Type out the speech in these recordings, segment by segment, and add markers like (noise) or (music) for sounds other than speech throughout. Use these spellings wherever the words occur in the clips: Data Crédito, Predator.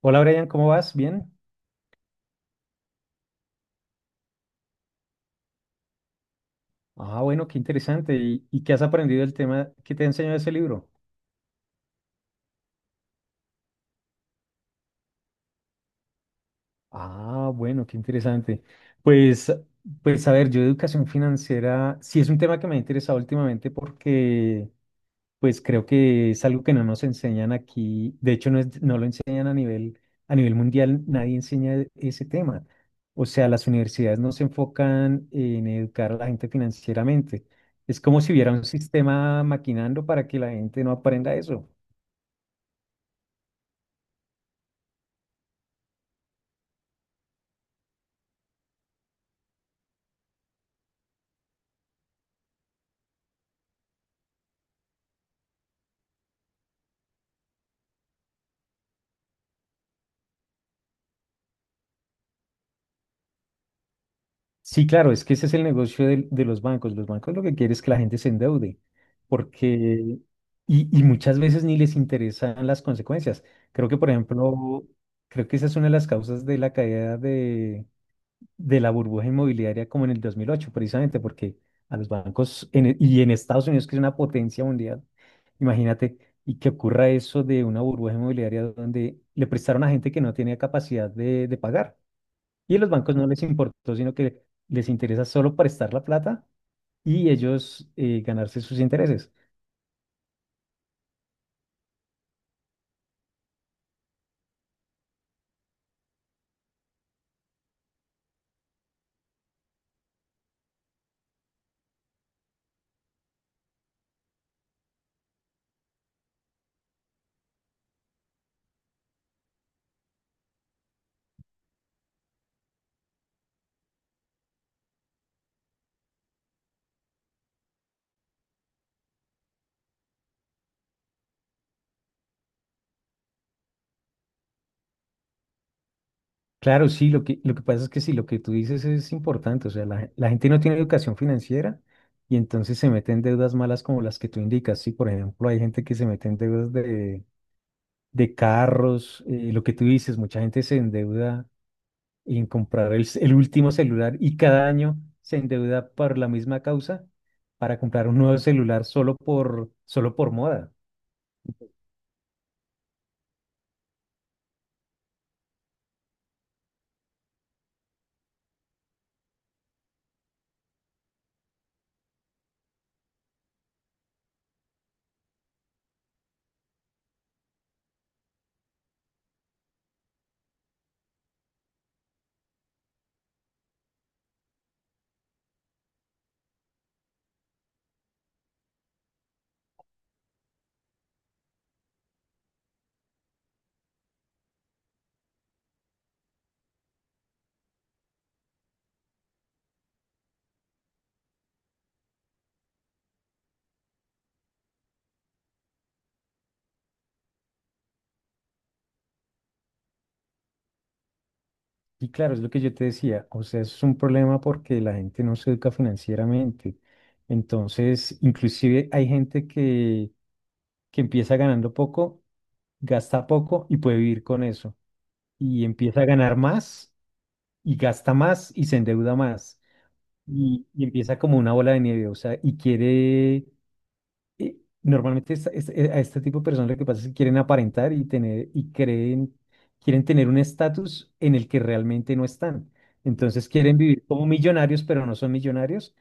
Hola Brian, ¿cómo vas? ¿Bien? Ah, bueno, qué interesante. ¿Y qué has aprendido del tema que te ha enseñado ese libro? Ah, bueno, qué interesante. Pues, pues a ver, yo educación financiera sí es un tema que me ha interesado últimamente porque pues creo que es algo que no nos enseñan aquí. De hecho, no lo enseñan a nivel mundial, nadie enseña ese tema. O sea, las universidades no se enfocan en educar a la gente financieramente. Es como si hubiera un sistema maquinando para que la gente no aprenda eso. Sí, claro, es que ese es el negocio de los bancos. Los bancos lo que quieren es que la gente se endeude, porque, y muchas veces ni les interesan las consecuencias. Creo que, por ejemplo, creo que esa es una de las causas de la caída de la burbuja inmobiliaria como en el 2008, precisamente porque a los bancos en en Estados Unidos, que es una potencia mundial, imagínate, y que ocurra eso de una burbuja inmobiliaria donde le prestaron a gente que no tenía capacidad de pagar. Y a los bancos no les importó, sino que les interesa solo prestar la plata y ellos ganarse sus intereses. Claro, sí, lo que pasa es que sí, lo que tú dices es importante, o sea, la gente no tiene educación financiera y entonces se mete en deudas malas como las que tú indicas, sí, por ejemplo, hay gente que se mete en deudas de carros, lo que tú dices, mucha gente se endeuda en comprar el último celular y cada año se endeuda por la misma causa para comprar un nuevo celular solo por moda. Y claro, es lo que yo te decía, o sea, es un problema porque la gente no se educa financieramente. Entonces, inclusive que empieza ganando poco, gasta poco y puede vivir con eso. Y empieza a ganar más y gasta más y se endeuda más. Y empieza como una bola de nieve, o sea, y quiere eh, normalmente a este tipo de personas lo que pasa es que quieren aparentar y tener y creen, quieren tener un estatus en el que realmente no están. Entonces quieren vivir como millonarios, pero no son millonarios.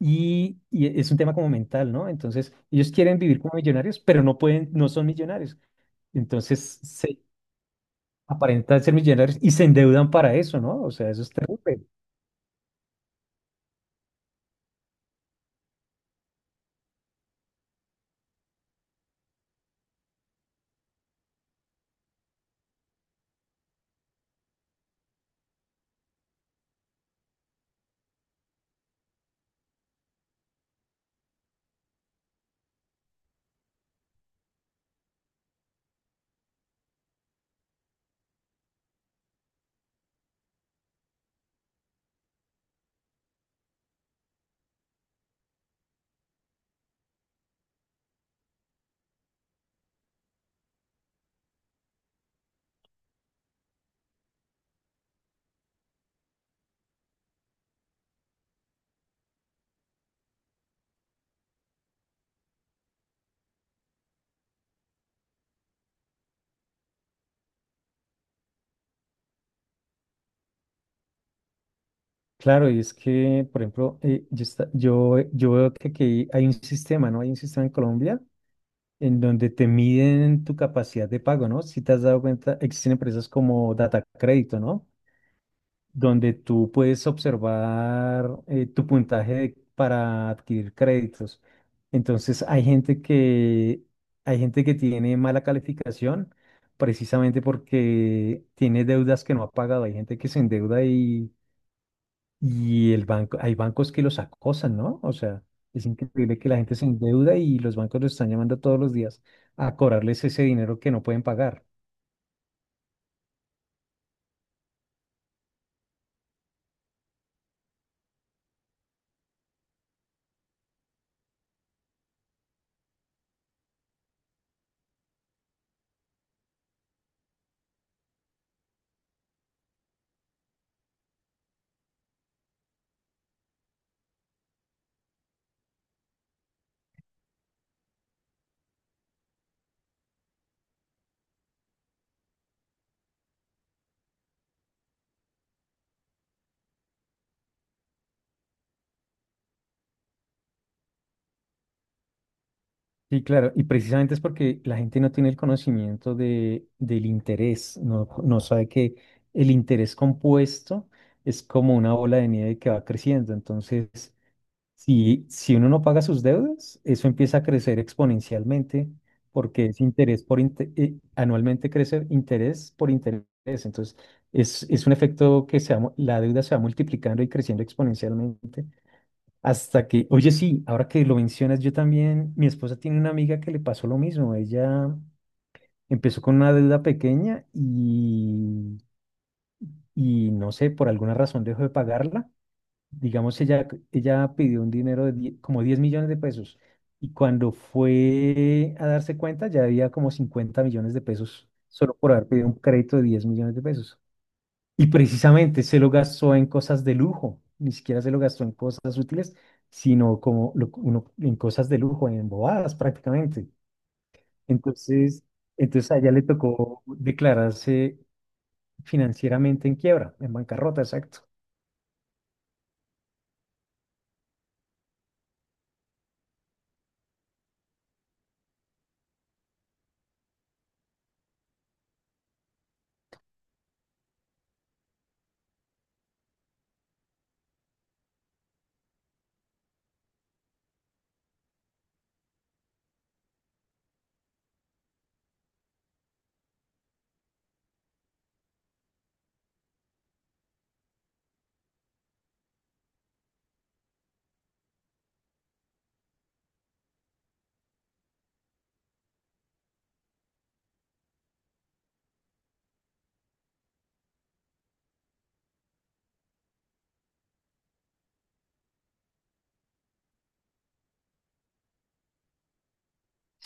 Y es un tema como mental, ¿no? Entonces ellos quieren vivir como millonarios, pero no pueden, no son millonarios. Se aparentan ser millonarios y se endeudan para eso, ¿no? O sea, eso es terrible. Claro, y es que, por ejemplo, yo veo que aquí hay un sistema, ¿no? Hay un sistema en Colombia en donde te miden tu capacidad de pago, ¿no? Si te has dado cuenta, existen empresas como Data Crédito, ¿no? Donde tú puedes observar tu puntaje para adquirir créditos. Entonces, hay gente que tiene mala calificación precisamente porque tiene deudas que no ha pagado. Hay gente que se endeuda y el banco, hay bancos que los acosan, ¿no? O sea, es increíble que la gente se endeuda y los bancos los están llamando todos los días a cobrarles ese dinero que no pueden pagar. Sí, claro, y precisamente es porque la gente no tiene el conocimiento del interés, no sabe que el interés compuesto es como una bola de nieve que va creciendo. Entonces, si uno no paga sus deudas, eso empieza a crecer exponencialmente porque es anualmente crece interés por interés. Entonces, es un efecto que la deuda se va multiplicando y creciendo exponencialmente hasta que, oye, sí, ahora que lo mencionas, yo también, mi esposa tiene una amiga que le pasó lo mismo. Ella empezó con una deuda pequeña y no sé, por alguna razón dejó de pagarla digamos, ella pidió un dinero de como 10 millones de pesos y cuando fue a darse cuenta ya había como 50 millones de pesos solo por haber pedido un crédito de 10 millones de pesos. Y precisamente se lo gastó en cosas de lujo, ni siquiera se lo gastó en cosas útiles, sino uno, en cosas de lujo, en bobadas prácticamente. Entonces, entonces a ella le tocó declararse financieramente en quiebra, en bancarrota, exacto.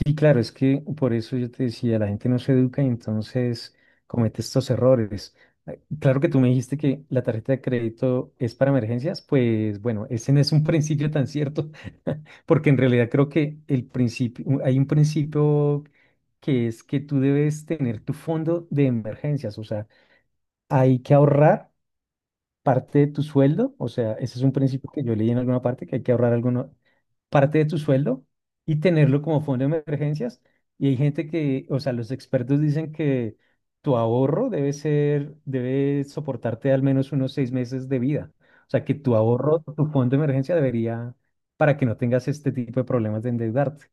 Sí, claro, es que por eso yo te decía, la gente no se educa y entonces comete estos errores. Claro que tú me dijiste que la tarjeta de crédito es para emergencias, pues bueno, ese no es un (laughs) principio tan cierto, (laughs) porque en realidad creo que el principio, hay un principio que es que tú debes tener tu fondo de emergencias, o sea, hay que ahorrar parte de tu sueldo, o sea, ese es un principio que yo leí en alguna parte, que hay que ahorrar alguna parte de tu sueldo y tenerlo como fondo de emergencias. Y hay gente que, o sea, los expertos dicen que tu ahorro debe ser, debe soportarte al menos unos 6 meses de vida. O sea, que tu ahorro, tu fondo de emergencia debería, para que no tengas este tipo de problemas de endeudarte.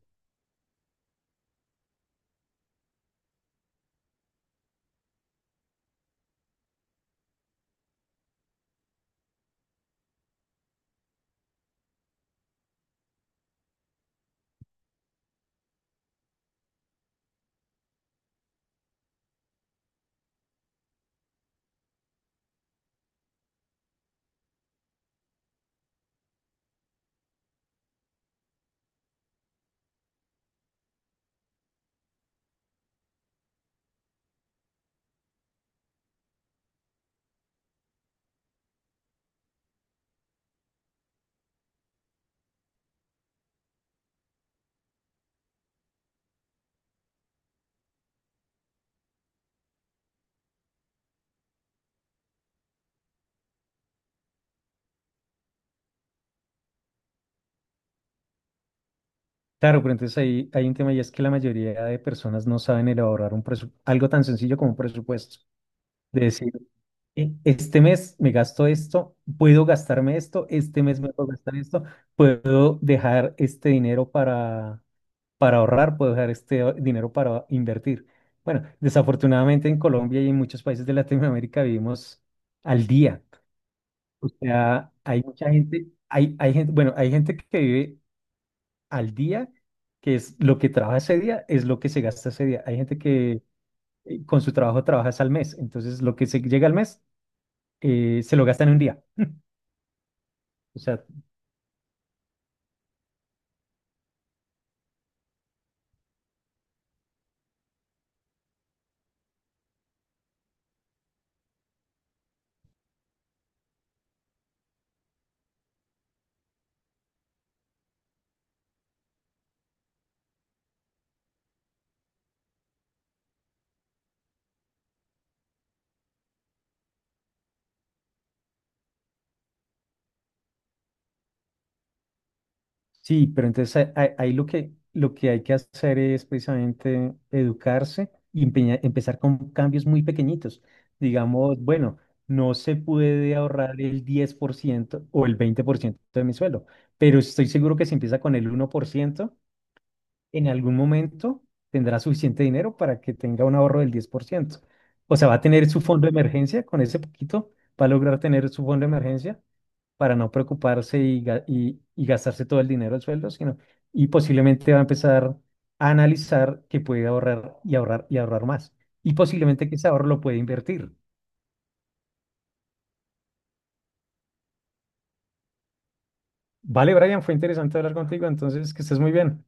Claro, pero entonces ahí hay un tema y es que la mayoría de personas no saben elaborar un algo tan sencillo como un presupuesto. Este mes me gasto esto, puedo gastarme esto, este mes me puedo gastar esto, puedo dejar este dinero para ahorrar, puedo dejar este dinero para invertir. Bueno, desafortunadamente en Colombia y en muchos países de Latinoamérica vivimos al día. O sea, hay mucha gente, hay gente, bueno, hay gente que vive al día, que es lo que trabaja ese día, es lo que se gasta ese día. Hay gente que con su trabajo trabaja es al mes, entonces lo que se llega al mes se lo gasta en un día. O sea, sí, pero entonces ahí lo que hay que hacer es precisamente educarse y empezar con cambios muy pequeñitos. Digamos, bueno, no se puede ahorrar el 10% o el 20% de mi sueldo, pero estoy seguro que si empieza con el 1% en algún momento tendrá suficiente dinero para que tenga un ahorro del 10%. O sea, va a tener su fondo de emergencia, con ese poquito va a lograr tener su fondo de emergencia para no preocuparse y gastarse todo el dinero del sueldo, sino y posiblemente va a empezar a analizar que puede ahorrar y ahorrar y ahorrar más. Y posiblemente que ese ahorro lo puede invertir. Vale, Brian, fue interesante hablar contigo, entonces que estés muy bien.